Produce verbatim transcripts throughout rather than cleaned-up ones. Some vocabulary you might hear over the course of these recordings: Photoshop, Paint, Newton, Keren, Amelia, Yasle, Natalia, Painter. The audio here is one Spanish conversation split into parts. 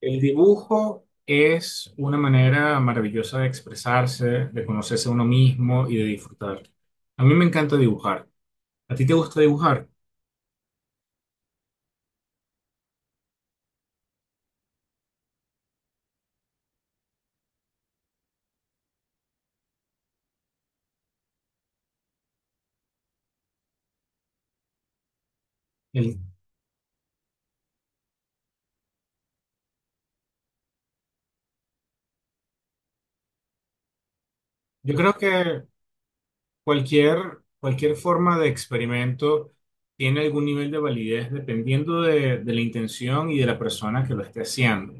El dibujo es una manera maravillosa de expresarse, de conocerse a uno mismo y de disfrutar. A mí me encanta dibujar. ¿A ti te gusta dibujar? El- yo creo que Cualquier, cualquier forma de experimento tiene algún nivel de validez dependiendo de, de la intención y de la persona que lo esté haciendo.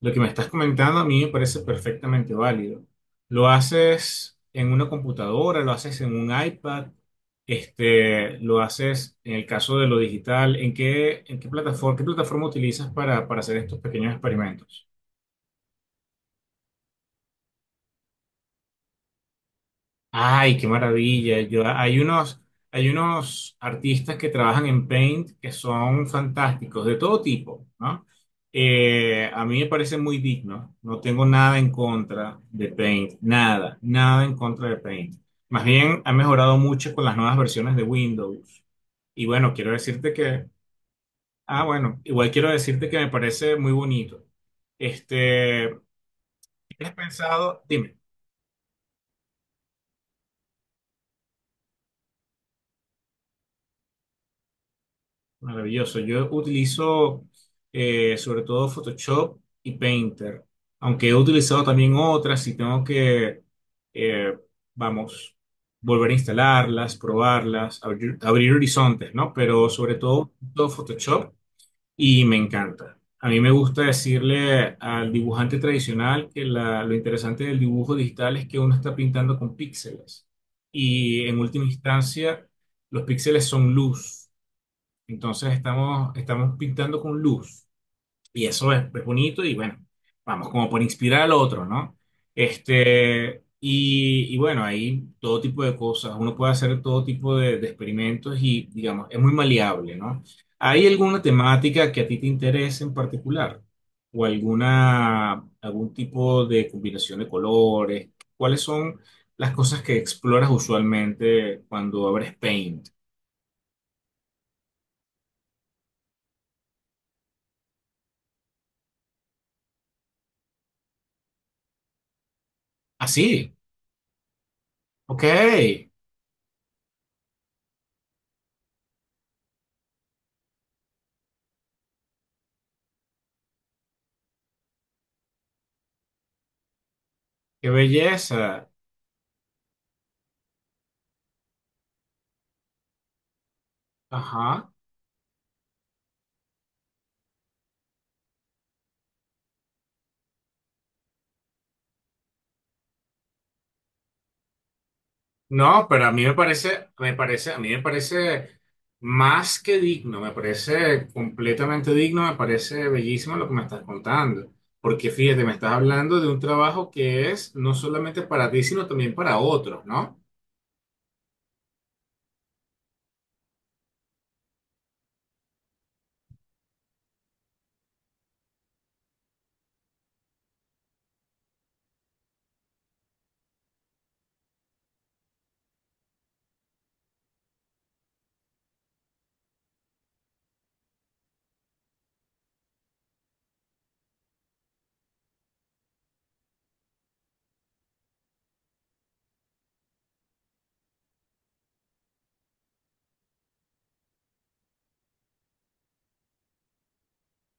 Lo que me estás comentando a mí me parece perfectamente válido. Lo haces en una computadora, lo haces en un iPad, este, lo haces en el caso de lo digital. ¿En qué, en qué plataforma, qué plataforma utilizas para, para hacer estos pequeños experimentos? Ay, qué maravilla. Yo, hay unos, hay unos artistas que trabajan en Paint que son fantásticos, de todo tipo, ¿no? Eh, a mí me parece muy digno. No tengo nada en contra de Paint, nada, nada en contra de Paint. Más bien, ha mejorado mucho con las nuevas versiones de Windows. Y bueno, quiero decirte que, ah, bueno, igual quiero decirte que me parece muy bonito. Este, ¿tienes pensado? Dime. Maravilloso. Yo utilizo eh, sobre todo Photoshop y Painter, aunque he utilizado también otras y tengo que, eh, vamos, volver a instalarlas, probarlas, abrir, abrir horizontes, ¿no? Pero sobre todo, todo Photoshop y me encanta. A mí me gusta decirle al dibujante tradicional que la- lo interesante del dibujo digital es que uno está pintando con píxeles y en última instancia los píxeles son luz. Entonces estamos, estamos pintando con luz y eso es, es bonito y bueno, vamos como por inspirar al otro, ¿no? Este, y, y bueno, hay todo tipo de cosas, uno puede hacer todo tipo de, de experimentos y digamos, es muy maleable, ¿no? ¿Hay alguna temática que a ti te interese en particular? ¿O alguna, algún tipo de combinación de colores? ¿Cuáles son las cosas que exploras usualmente cuando abres Paint? Así, ok. Qué belleza. Ajá. No, pero a mí me parece, me parece, a mí me parece más que digno, me parece completamente digno, me parece bellísimo lo que me estás contando. Porque fíjate, me estás hablando de un trabajo que es no solamente para ti, sino también para otros, ¿no?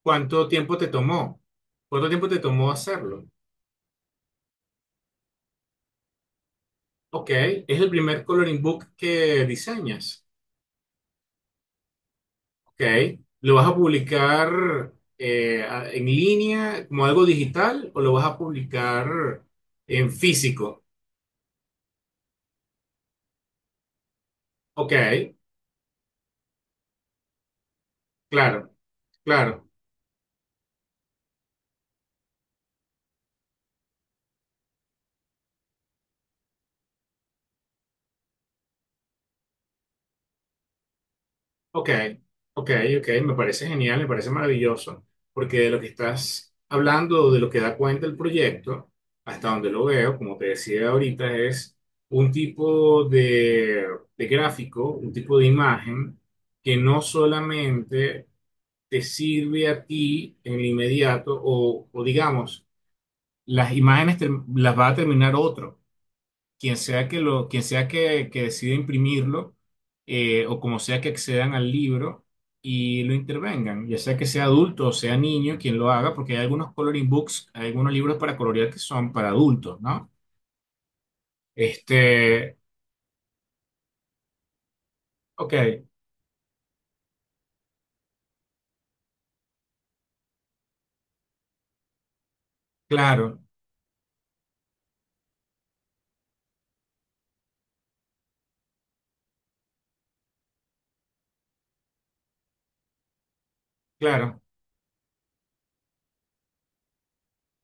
¿Cuánto tiempo te tomó? ¿Cuánto tiempo te tomó hacerlo? Ok, es el primer coloring book que diseñas. Ok. ¿Lo vas a publicar eh, a- en línea como algo digital o lo vas a publicar en físico? Ok, claro, claro. Ok, ok, ok. Me parece genial, me parece maravilloso. Porque de lo que estás hablando, de lo que da cuenta el proyecto, hasta donde lo veo, como te decía ahorita, es un tipo de de gráfico, un tipo de imagen que no solamente te sirve a ti en el inmediato o, o digamos, las imágenes te- las va a terminar otro, quien sea que lo, quien sea que, que decida imprimirlo eh, o como sea que accedan al libro y lo intervengan, ya sea que sea adulto o sea niño quien lo haga, porque hay algunos coloring books, hay algunos libros para colorear que son para adultos, ¿no? Este, ok, claro, claro,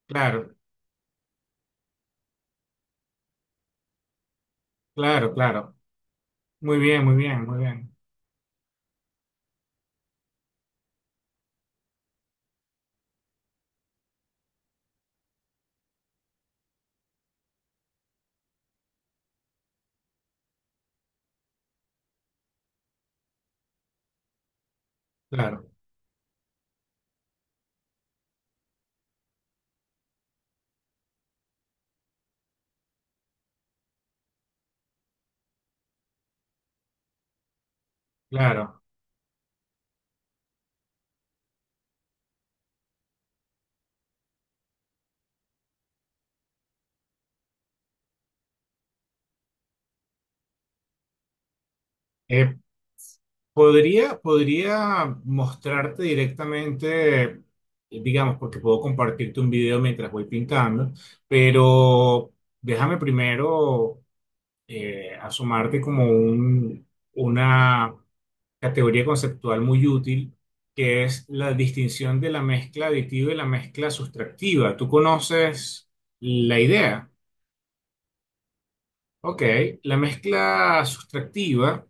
claro, claro, claro. Muy bien, muy bien, muy bien. Claro, claro. Eh, Podría, podría mostrarte directamente, eh, digamos, porque puedo compartirte un video mientras voy pintando, pero déjame primero eh, asomarte como un- una categoría conceptual muy útil, que es la distinción de la mezcla aditiva y la mezcla sustractiva. ¿Tú conoces la idea? Ok, la mezcla sustractiva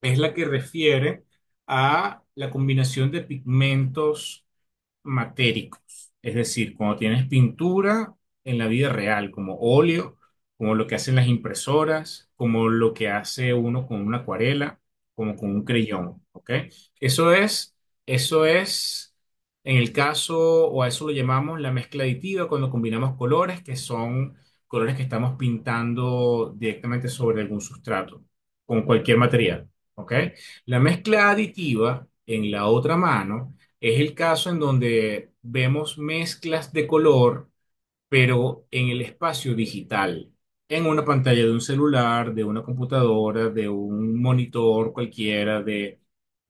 es la que refiere a la combinación de pigmentos matéricos, es decir, cuando tienes pintura en la vida real, como óleo, como lo que hacen las impresoras, como lo que hace uno con una acuarela, como con un creyón, ¿ok? Eso es, eso es, en el caso, o a eso lo llamamos la mezcla aditiva, cuando combinamos colores que son colores que estamos pintando directamente sobre algún sustrato, con cualquier material, ¿ok? La mezcla aditiva, en la otra mano, es el caso en donde vemos mezclas de color, pero en el espacio digital, en una pantalla de un celular, de una computadora, de un monitor cualquiera, de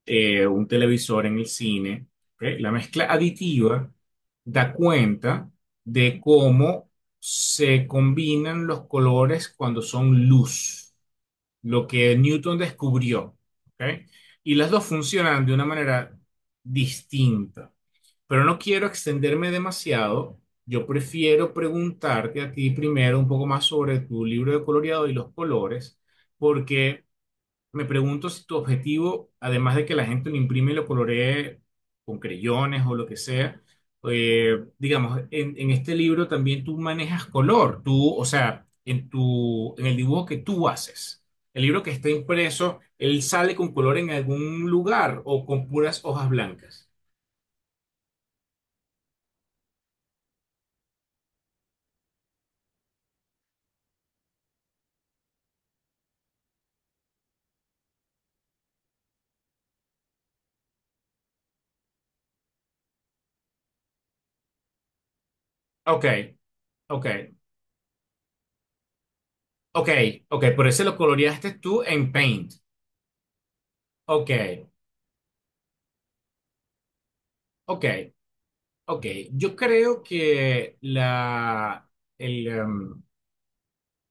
eh, un televisor en el cine. ¿Ok? La mezcla aditiva da cuenta de cómo se combinan los colores cuando son luz, lo que Newton descubrió. ¿Ok? Y las dos funcionan de una manera distinta. Pero no quiero extenderme demasiado. Yo prefiero preguntarte a ti primero un poco más sobre tu libro de coloreado y los colores, porque me pregunto si tu objetivo, además de que la gente lo imprime y lo coloree con creyones o lo que sea, eh, digamos, en, en este libro también tú manejas color, tú, o sea, en tu, en el dibujo que tú haces. El libro que está impreso, él sale con color en algún lugar o con puras hojas blancas. Ok. Ok, Ok, ok, por eso lo coloreaste tú en Paint. Ok, ok, ok. Yo creo que la, el, em,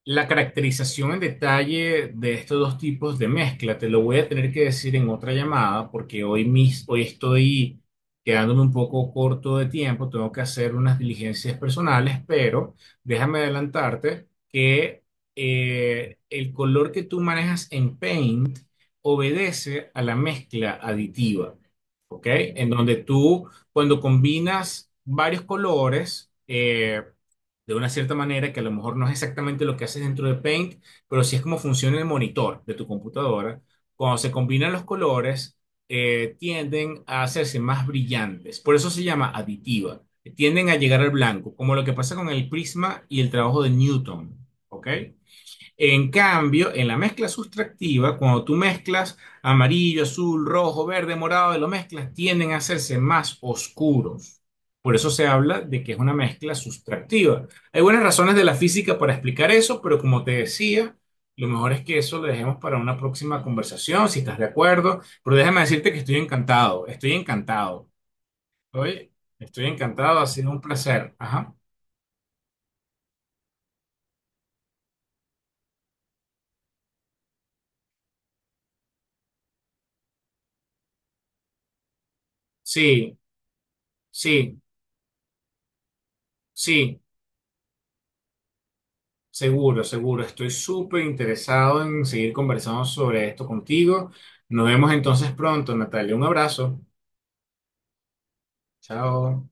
La caracterización en detalle de estos dos tipos de mezcla te lo voy a tener que decir en otra llamada porque hoy, mis, hoy estoy quedándome un poco corto de tiempo, tengo que hacer unas diligencias personales, pero déjame adelantarte que eh, el color que tú manejas en Paint obedece a la mezcla aditiva, ¿ok? En donde tú cuando combinas varios colores, eh, de una cierta manera que a lo mejor no es exactamente lo que haces dentro de Paint, pero sí es como funciona el monitor de tu computadora. Cuando se combinan los colores, eh, tienden a hacerse más brillantes. Por eso se llama aditiva. Tienden a llegar al blanco, como lo que pasa con el prisma y el trabajo de Newton. ¿Ok? En cambio, en la mezcla sustractiva, cuando tú mezclas amarillo, azul, rojo, verde, morado, y lo mezclas, tienden a hacerse más oscuros. Por eso se habla de que es una mezcla sustractiva. Hay buenas razones de la física para explicar eso, pero como te decía, lo mejor es que eso lo dejemos para una próxima conversación, si estás de acuerdo. Pero déjame decirte que estoy encantado, estoy encantado. Oye, estoy encantado, ha sido un placer. Ajá. Sí, sí, sí. Seguro, seguro. Estoy súper interesado en seguir conversando sobre esto contigo. Nos vemos entonces pronto, Natalia. Un abrazo. Chao.